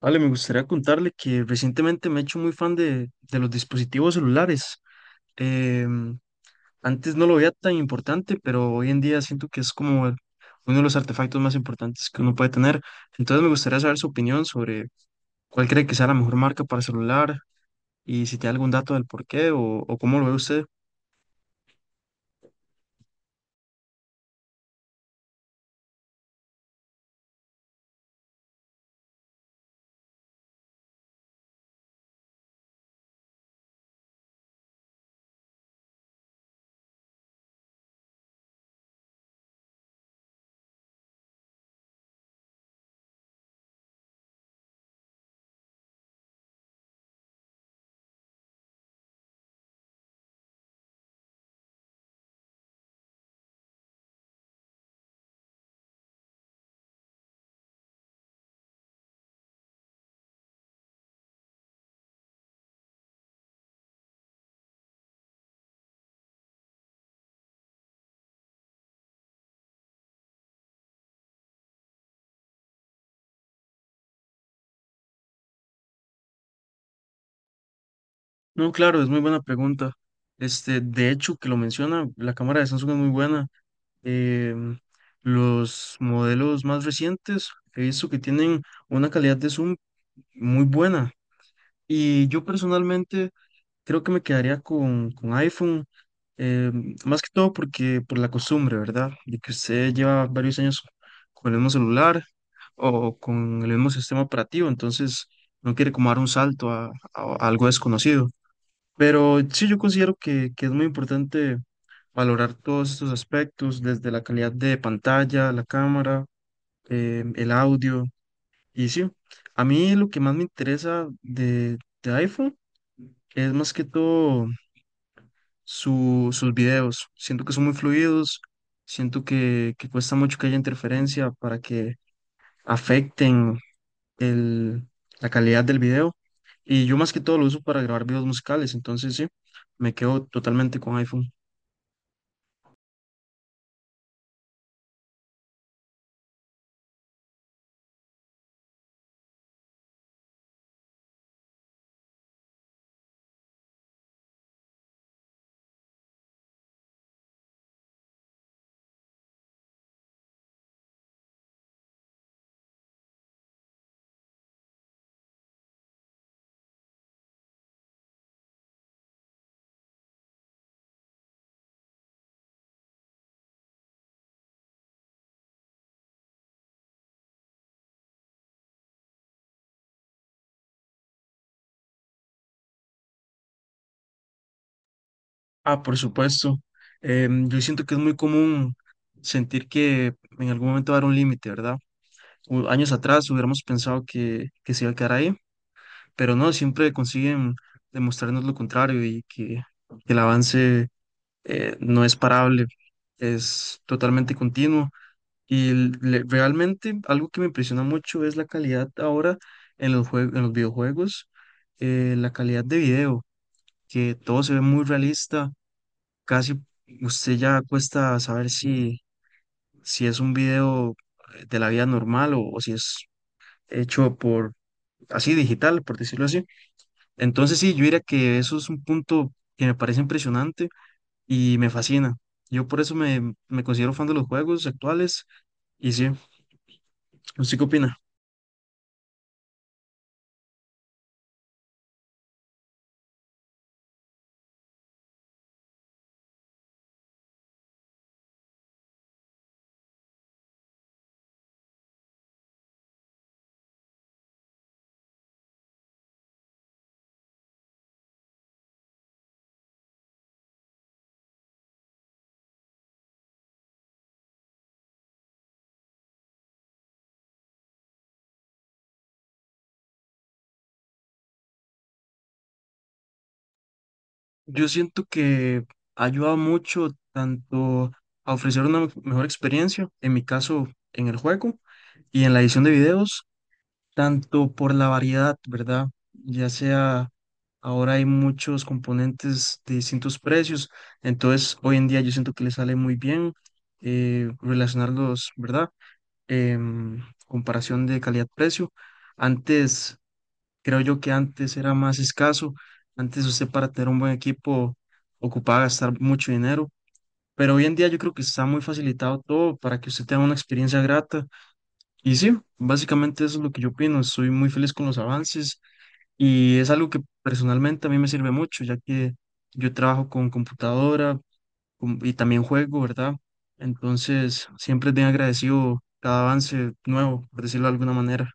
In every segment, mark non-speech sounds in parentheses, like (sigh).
Vale, me gustaría contarle que recientemente me he hecho muy fan de los dispositivos celulares. Em, antes no lo veía tan importante, pero hoy en día siento que es como uno de los artefactos más importantes que uno puede tener. Entonces me gustaría saber su opinión sobre cuál cree que sea la mejor marca para celular y si tiene algún dato del por qué o cómo lo ve usted. No, claro, es muy buena pregunta. Este, de hecho, que lo menciona, la cámara de Samsung es muy buena. em, los modelos más recientes he visto que tienen una calidad de zoom muy buena y yo personalmente creo que me quedaría con iPhone, más que todo porque por la costumbre, ¿verdad? De que usted lleva varios años con el mismo celular o con el mismo sistema operativo, entonces no quiere como dar un salto a, a algo desconocido. Pero sí, yo considero que es muy importante valorar todos estos aspectos, desde la calidad de pantalla, la cámara, el audio. Y sí, a mí lo que más me interesa de iPhone es más que todo sus videos. Siento que son muy fluidos, siento que cuesta mucho que haya interferencia para que afecten el, la calidad del video. Y yo más que todo lo uso para grabar videos musicales, entonces sí, me quedo totalmente con iPhone. Ah, por supuesto. Yo siento que es muy común sentir que en algún momento va a haber un límite, ¿verdad? Años atrás hubiéramos pensado que se iba a quedar ahí, pero no, siempre consiguen demostrarnos lo contrario y que el avance no es parable, es totalmente continuo. Y realmente algo que me impresiona mucho es la calidad ahora en los en los videojuegos, la calidad de video, que todo se ve muy realista, casi usted ya cuesta saber si, si es un video de la vida normal o si es hecho por así digital, por decirlo así. Entonces sí, yo diría que eso es un punto que me parece impresionante y me fascina. Yo por eso me considero fan de los juegos actuales y sí, ¿usted qué opina? Yo siento que ha ayudado mucho, tanto a ofrecer una mejor experiencia, en mi caso en el juego y en la edición de videos, tanto por la variedad, ¿verdad? Ya sea ahora hay muchos componentes de distintos precios, entonces hoy en día yo siento que le sale muy bien relacionarlos, ¿verdad? Em, Comparación de calidad-precio. Antes, creo yo que antes era más escaso, antes usted para tener un buen equipo ocupaba gastar mucho dinero, pero hoy en día yo creo que está muy facilitado todo para que usted tenga una experiencia grata y sí, básicamente eso es lo que yo opino. Estoy muy feliz con los avances y es algo que personalmente a mí me sirve mucho, ya que yo trabajo con computadora y también juego, ¿verdad? Entonces, siempre es bien agradecido cada avance nuevo, por decirlo de alguna manera.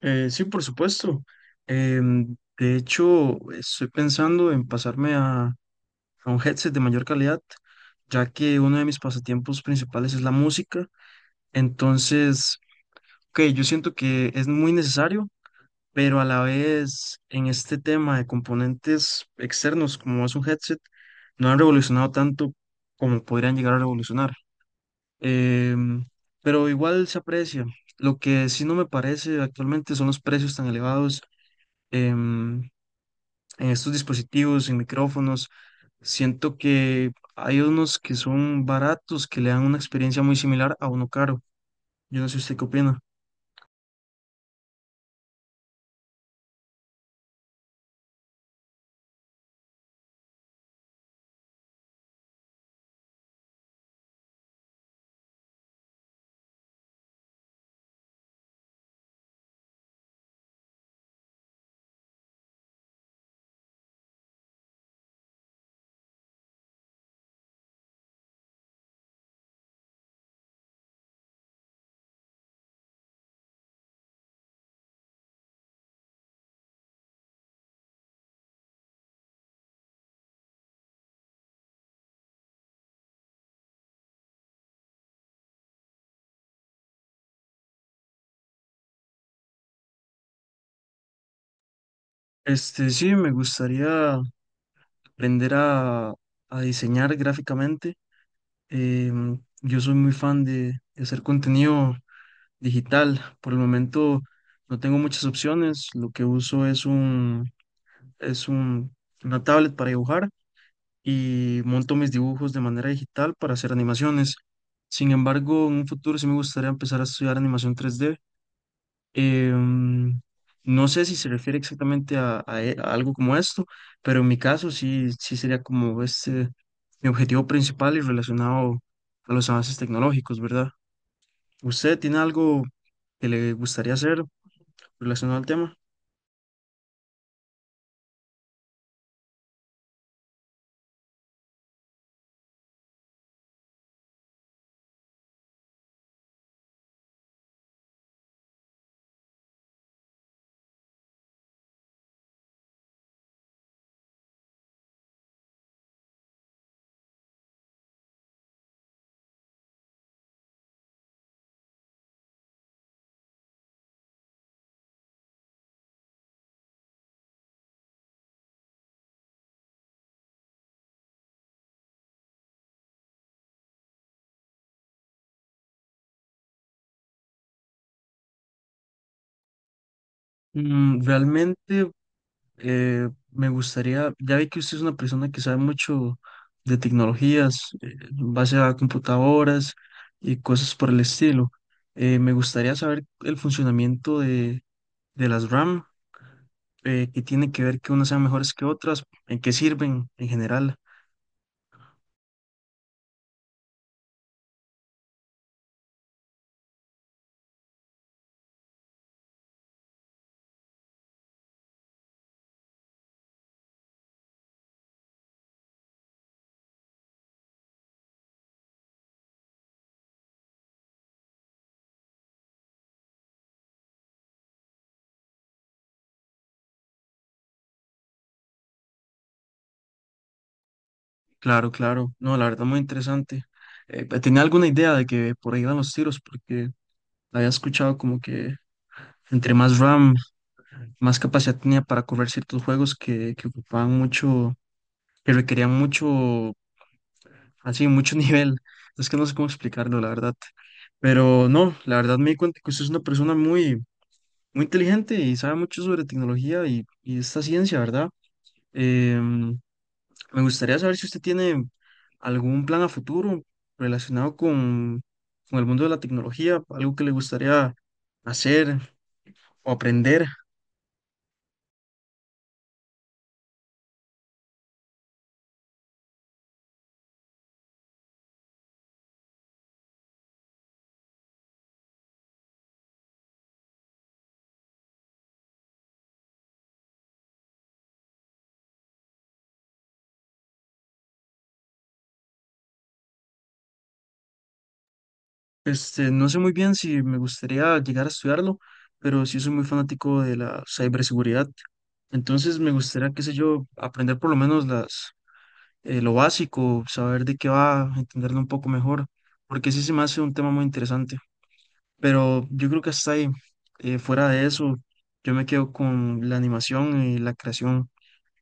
Sí, por supuesto. De hecho, estoy pensando en pasarme a un headset de mayor calidad, ya que uno de mis pasatiempos principales es la música. Entonces… Ok, yo siento que es muy necesario, pero a la vez en este tema de componentes externos como es un headset, no han revolucionado tanto como podrían llegar a revolucionar. Em, pero igual se aprecia. Lo que sí no me parece actualmente son los precios tan elevados em, en estos dispositivos, en micrófonos. Siento que hay unos que son baratos, que le dan una experiencia muy similar a uno caro. Yo no sé usted qué opina. Este, sí, me gustaría aprender a diseñar gráficamente. Yo soy muy fan de hacer contenido digital. Por el momento no tengo muchas opciones. Lo que uso es un, una tablet para dibujar y monto mis dibujos de manera digital para hacer animaciones. Sin embargo, en un futuro sí me gustaría empezar a estudiar animación 3D. Em, no sé si se refiere exactamente a a algo como esto, pero en mi caso sí, sí sería como este mi objetivo principal y relacionado a los avances tecnológicos, ¿verdad? ¿Usted tiene algo que le gustaría hacer relacionado al tema? Mm, realmente me gustaría, ya vi que usted es una persona que sabe mucho de tecnologías, en base a computadoras y cosas por el estilo. Me gustaría saber el funcionamiento de las RAM, que tiene que ver que unas sean mejores que otras, en qué sirven en general. Claro, claro. No, la verdad, muy interesante. Tenía alguna idea de que por ahí iban los tiros, porque había escuchado como que entre más RAM, más capacidad tenía para correr ciertos juegos que ocupaban mucho, que requerían mucho, así, mucho (laughs) nivel. Es que no sé cómo explicarlo, la verdad. Pero no, la verdad me di cuenta que usted es una persona muy inteligente y sabe mucho sobre tecnología y esta ciencia, ¿verdad? Em, Me gustaría saber si usted tiene algún plan a futuro relacionado con el mundo de la tecnología, algo que le gustaría hacer o aprender. Este, no sé muy bien si me gustaría llegar a estudiarlo, pero sí soy muy fanático de la ciberseguridad. Entonces me gustaría, qué sé yo, aprender por lo menos las, lo básico, saber de qué va, entenderlo un poco mejor, porque sí se me hace un tema muy interesante. Pero yo creo que hasta ahí, fuera de eso, yo me quedo con la animación y la creación.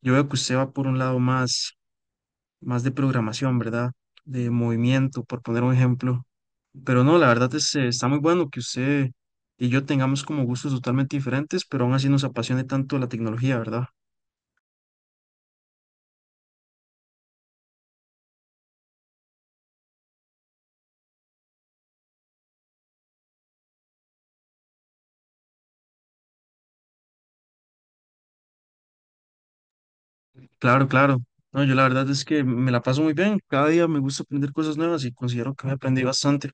Yo veo que usted va por un lado más de programación, ¿verdad? De movimiento, por poner un ejemplo. Pero no, la verdad es, está muy bueno que usted y yo tengamos como gustos totalmente diferentes, pero aún así nos apasione tanto la tecnología, ¿verdad? Claro, claro. No, yo la verdad es que me la paso muy bien. Cada día me gusta aprender cosas nuevas y considero que me aprendí bastante.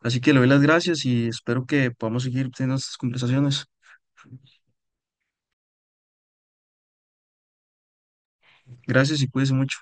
Así que le doy las gracias y espero que podamos seguir teniendo estas conversaciones. Gracias y cuídese mucho.